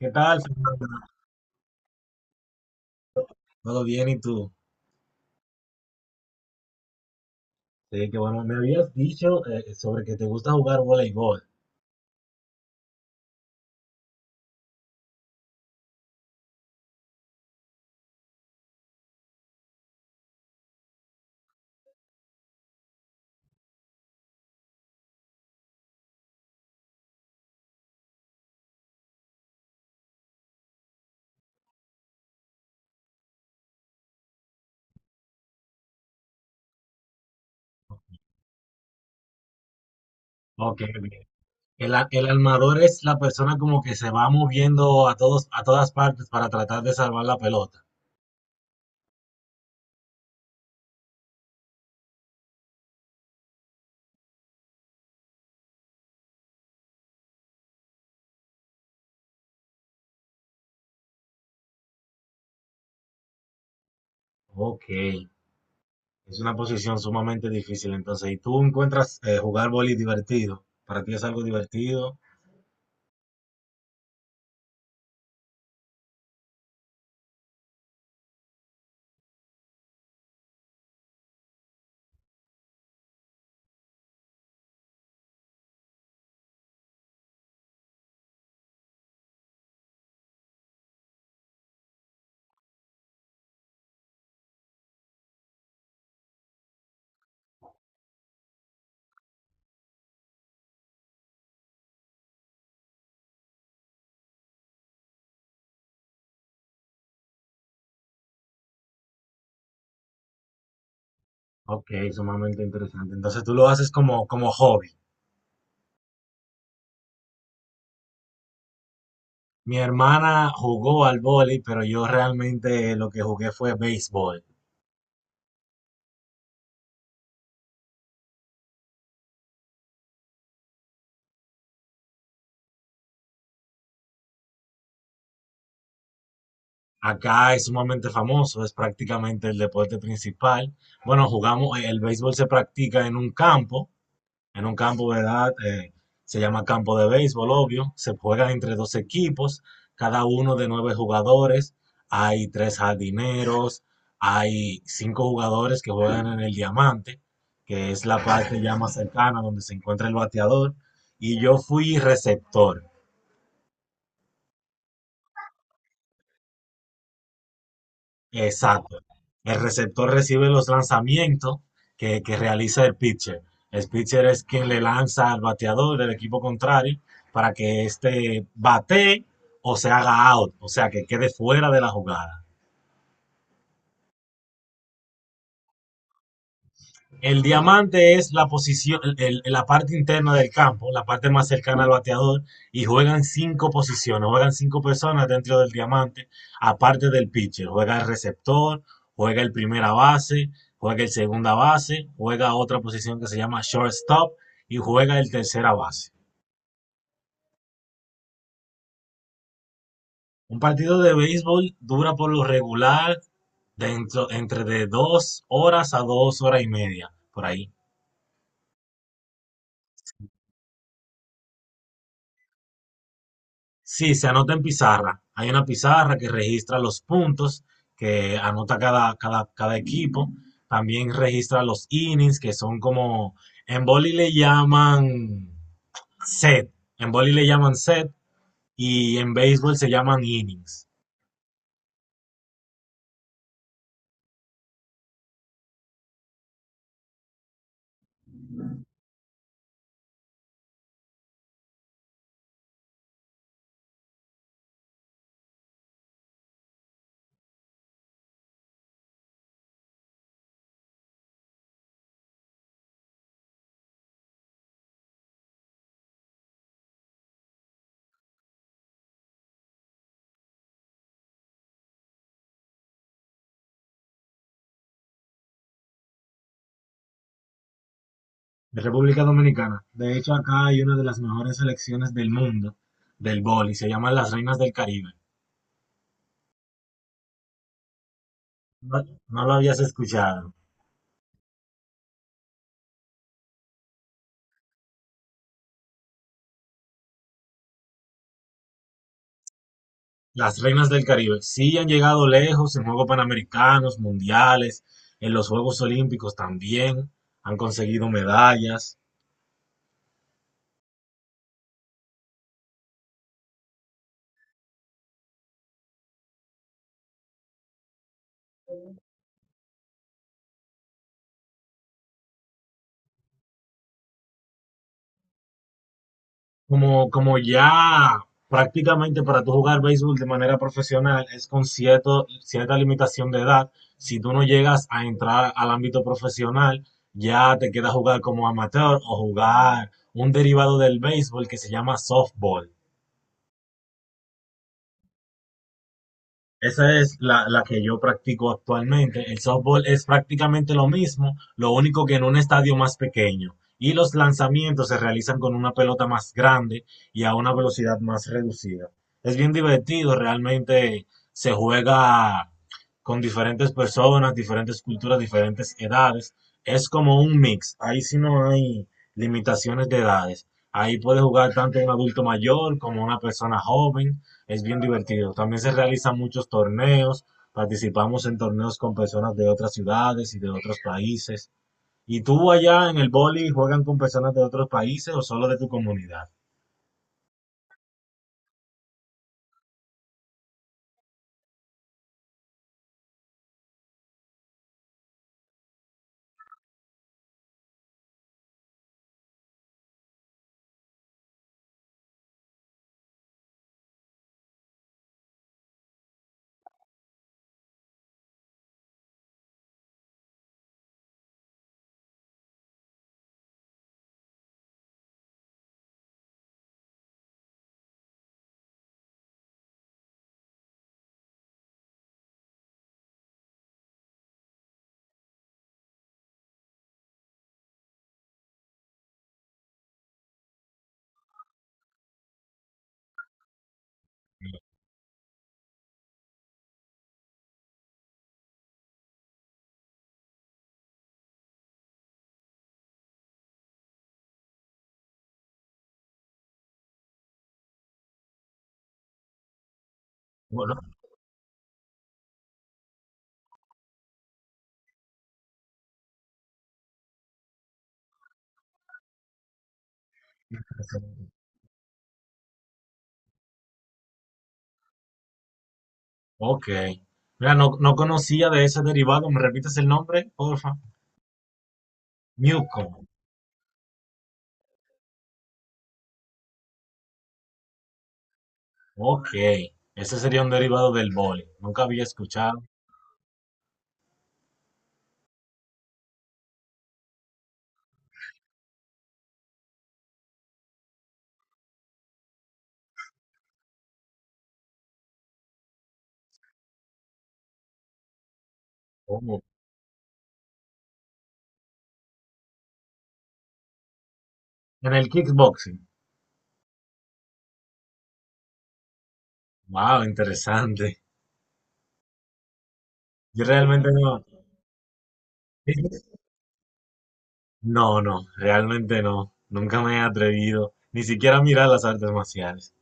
¿Qué tal, Fernanda? ¿Todo bien y tú? Sí, que bueno. Me habías dicho, sobre que te gusta jugar voleibol. Ok, ok. El armador es la persona como que se va moviendo a todos, a todas partes para tratar de salvar la pelota. Ok, es una posición sumamente difícil entonces. ¿Y tú encuentras, jugar voleibol divertido? ¿Para ti es algo divertido? Ok, sumamente interesante. Entonces tú lo haces como, como hobby. Mi hermana jugó al voleibol, pero yo realmente lo que jugué fue béisbol. Acá es sumamente famoso, es prácticamente el deporte principal. Bueno, jugamos, el béisbol se practica en un campo, ¿verdad? Se llama campo de béisbol, obvio. Se juega entre dos equipos, cada uno de nueve jugadores. Hay tres jardineros, hay cinco jugadores que juegan en el diamante, que es la parte ya más cercana donde se encuentra el bateador. Y yo fui receptor. Exacto. El receptor recibe los lanzamientos que realiza el pitcher. El pitcher es quien le lanza al bateador del equipo contrario para que éste batee o se haga out, o sea, que quede fuera de la jugada. El diamante es la posición, la parte interna del campo, la parte más cercana al bateador, y juegan cinco posiciones, juegan cinco personas dentro del diamante, aparte del pitcher. Juega el receptor, juega el primera base, juega el segunda base, juega otra posición que se llama shortstop y juega el tercera base. Un partido de béisbol dura por lo regular dentro, entre de dos horas a dos horas y media, por ahí. Sí, se anota en pizarra. Hay una pizarra que registra los puntos que anota cada equipo. También registra los innings, que son como, en boli le llaman set, en boli le llaman set, y en béisbol se llaman innings. De República Dominicana. De hecho, acá hay una de las mejores selecciones del mundo del boli. Se llaman las Reinas del Caribe. No, no lo habías escuchado. Las Reinas del Caribe sí han llegado lejos en Juegos Panamericanos, Mundiales, en los Juegos Olímpicos también, han conseguido medallas. Como, como ya prácticamente para tú jugar béisbol de manera profesional es con cierto, cierta limitación de edad, si tú no llegas a entrar al ámbito profesional, ya te queda jugar como amateur o jugar un derivado del béisbol que se llama softball. Esa es la, la que yo practico actualmente. El softball es prácticamente lo mismo, lo único que en un estadio más pequeño. Y los lanzamientos se realizan con una pelota más grande y a una velocidad más reducida. Es bien divertido, realmente se juega con diferentes personas, diferentes culturas, diferentes edades. Es como un mix. Ahí sí no hay limitaciones de edades. Ahí puede jugar tanto un adulto mayor como una persona joven, es bien divertido. También se realizan muchos torneos. Participamos en torneos con personas de otras ciudades y de otros países. ¿Y tú allá en el boli juegan con personas de otros países o solo de tu comunidad? Bueno, ok. Mira, no, no conocía de ese derivado. ¿Me repites el nombre, porfa? Newcomb. Ok. Ese sería un derivado del boli. Nunca había escuchado. Oh, en el kickboxing. Wow, interesante. Yo realmente no. No, no, realmente no. Nunca me he atrevido ni siquiera a mirar las artes marciales.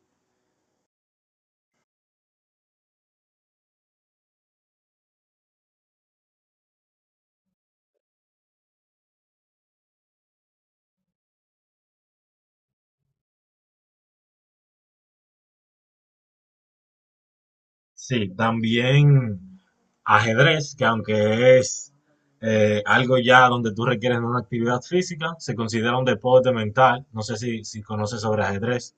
Sí, también ajedrez, que aunque es, algo ya donde tú requieres una actividad física, se considera un deporte mental. No sé si, si conoces sobre ajedrez.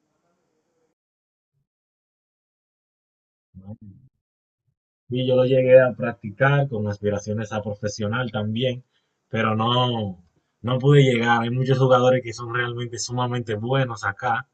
¿No? Y yo lo llegué a practicar con aspiraciones a profesional también, pero no, no pude llegar. Hay muchos jugadores que son realmente sumamente buenos acá.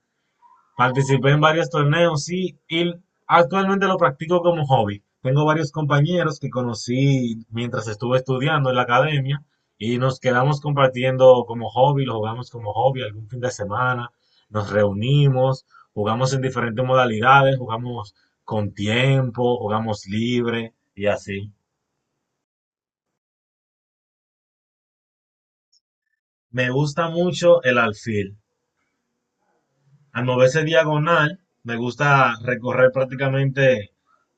Participé en varios torneos, sí, y actualmente lo practico como hobby. Tengo varios compañeros que conocí mientras estuve estudiando en la academia y nos quedamos compartiendo como hobby, lo jugamos como hobby algún fin de semana, nos reunimos, jugamos en diferentes modalidades, jugamos con tiempo, jugamos libre y así. Me gusta mucho el alfil. Al moverse diagonal, me gusta recorrer prácticamente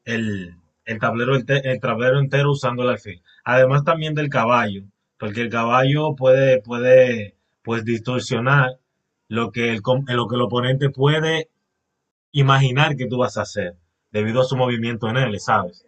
el, el tablero, el tablero entero usando el alfil. Además también del caballo, porque el caballo puede pues distorsionar lo que el, lo que el oponente puede imaginar que tú vas a hacer, debido a su movimiento en él, ¿sabes?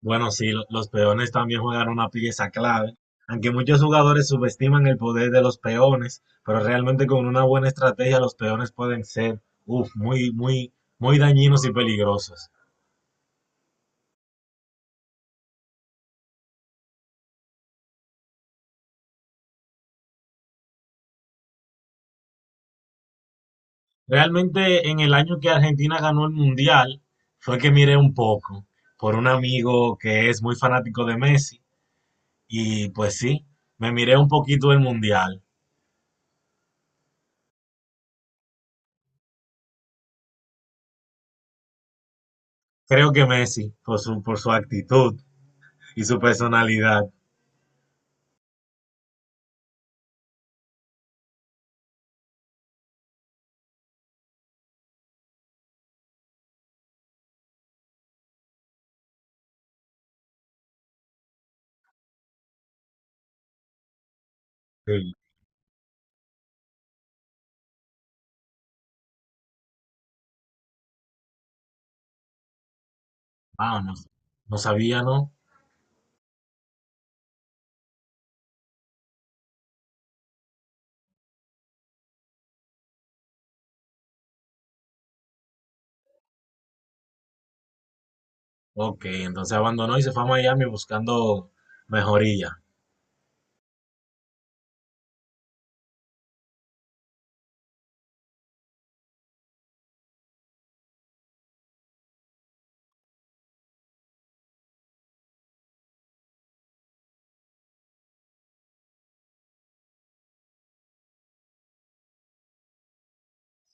Bueno, sí, los peones también juegan una pieza clave. Aunque muchos jugadores subestiman el poder de los peones, pero realmente con una buena estrategia los peones pueden ser, uf, muy, muy, muy dañinos y peligrosos. Realmente en el año que Argentina ganó el Mundial fue que miré un poco por un amigo que es muy fanático de Messi, y pues sí, me miré un poquito el Mundial. Creo que Messi, por su actitud y su personalidad. Sí. Ah, no, no sabía, ¿no? Ok, entonces abandonó y se fue a Miami buscando mejoría.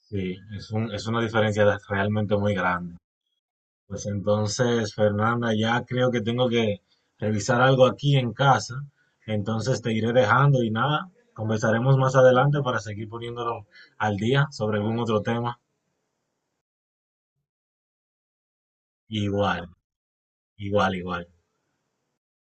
Sí, es un, es una diferencia de- realmente muy grande. Pues entonces, Fernanda, ya creo que tengo que revisar algo aquí en casa. Entonces te iré dejando y nada, conversaremos más adelante para seguir poniéndolo al día sobre algún otro tema. Igual, igual, igual.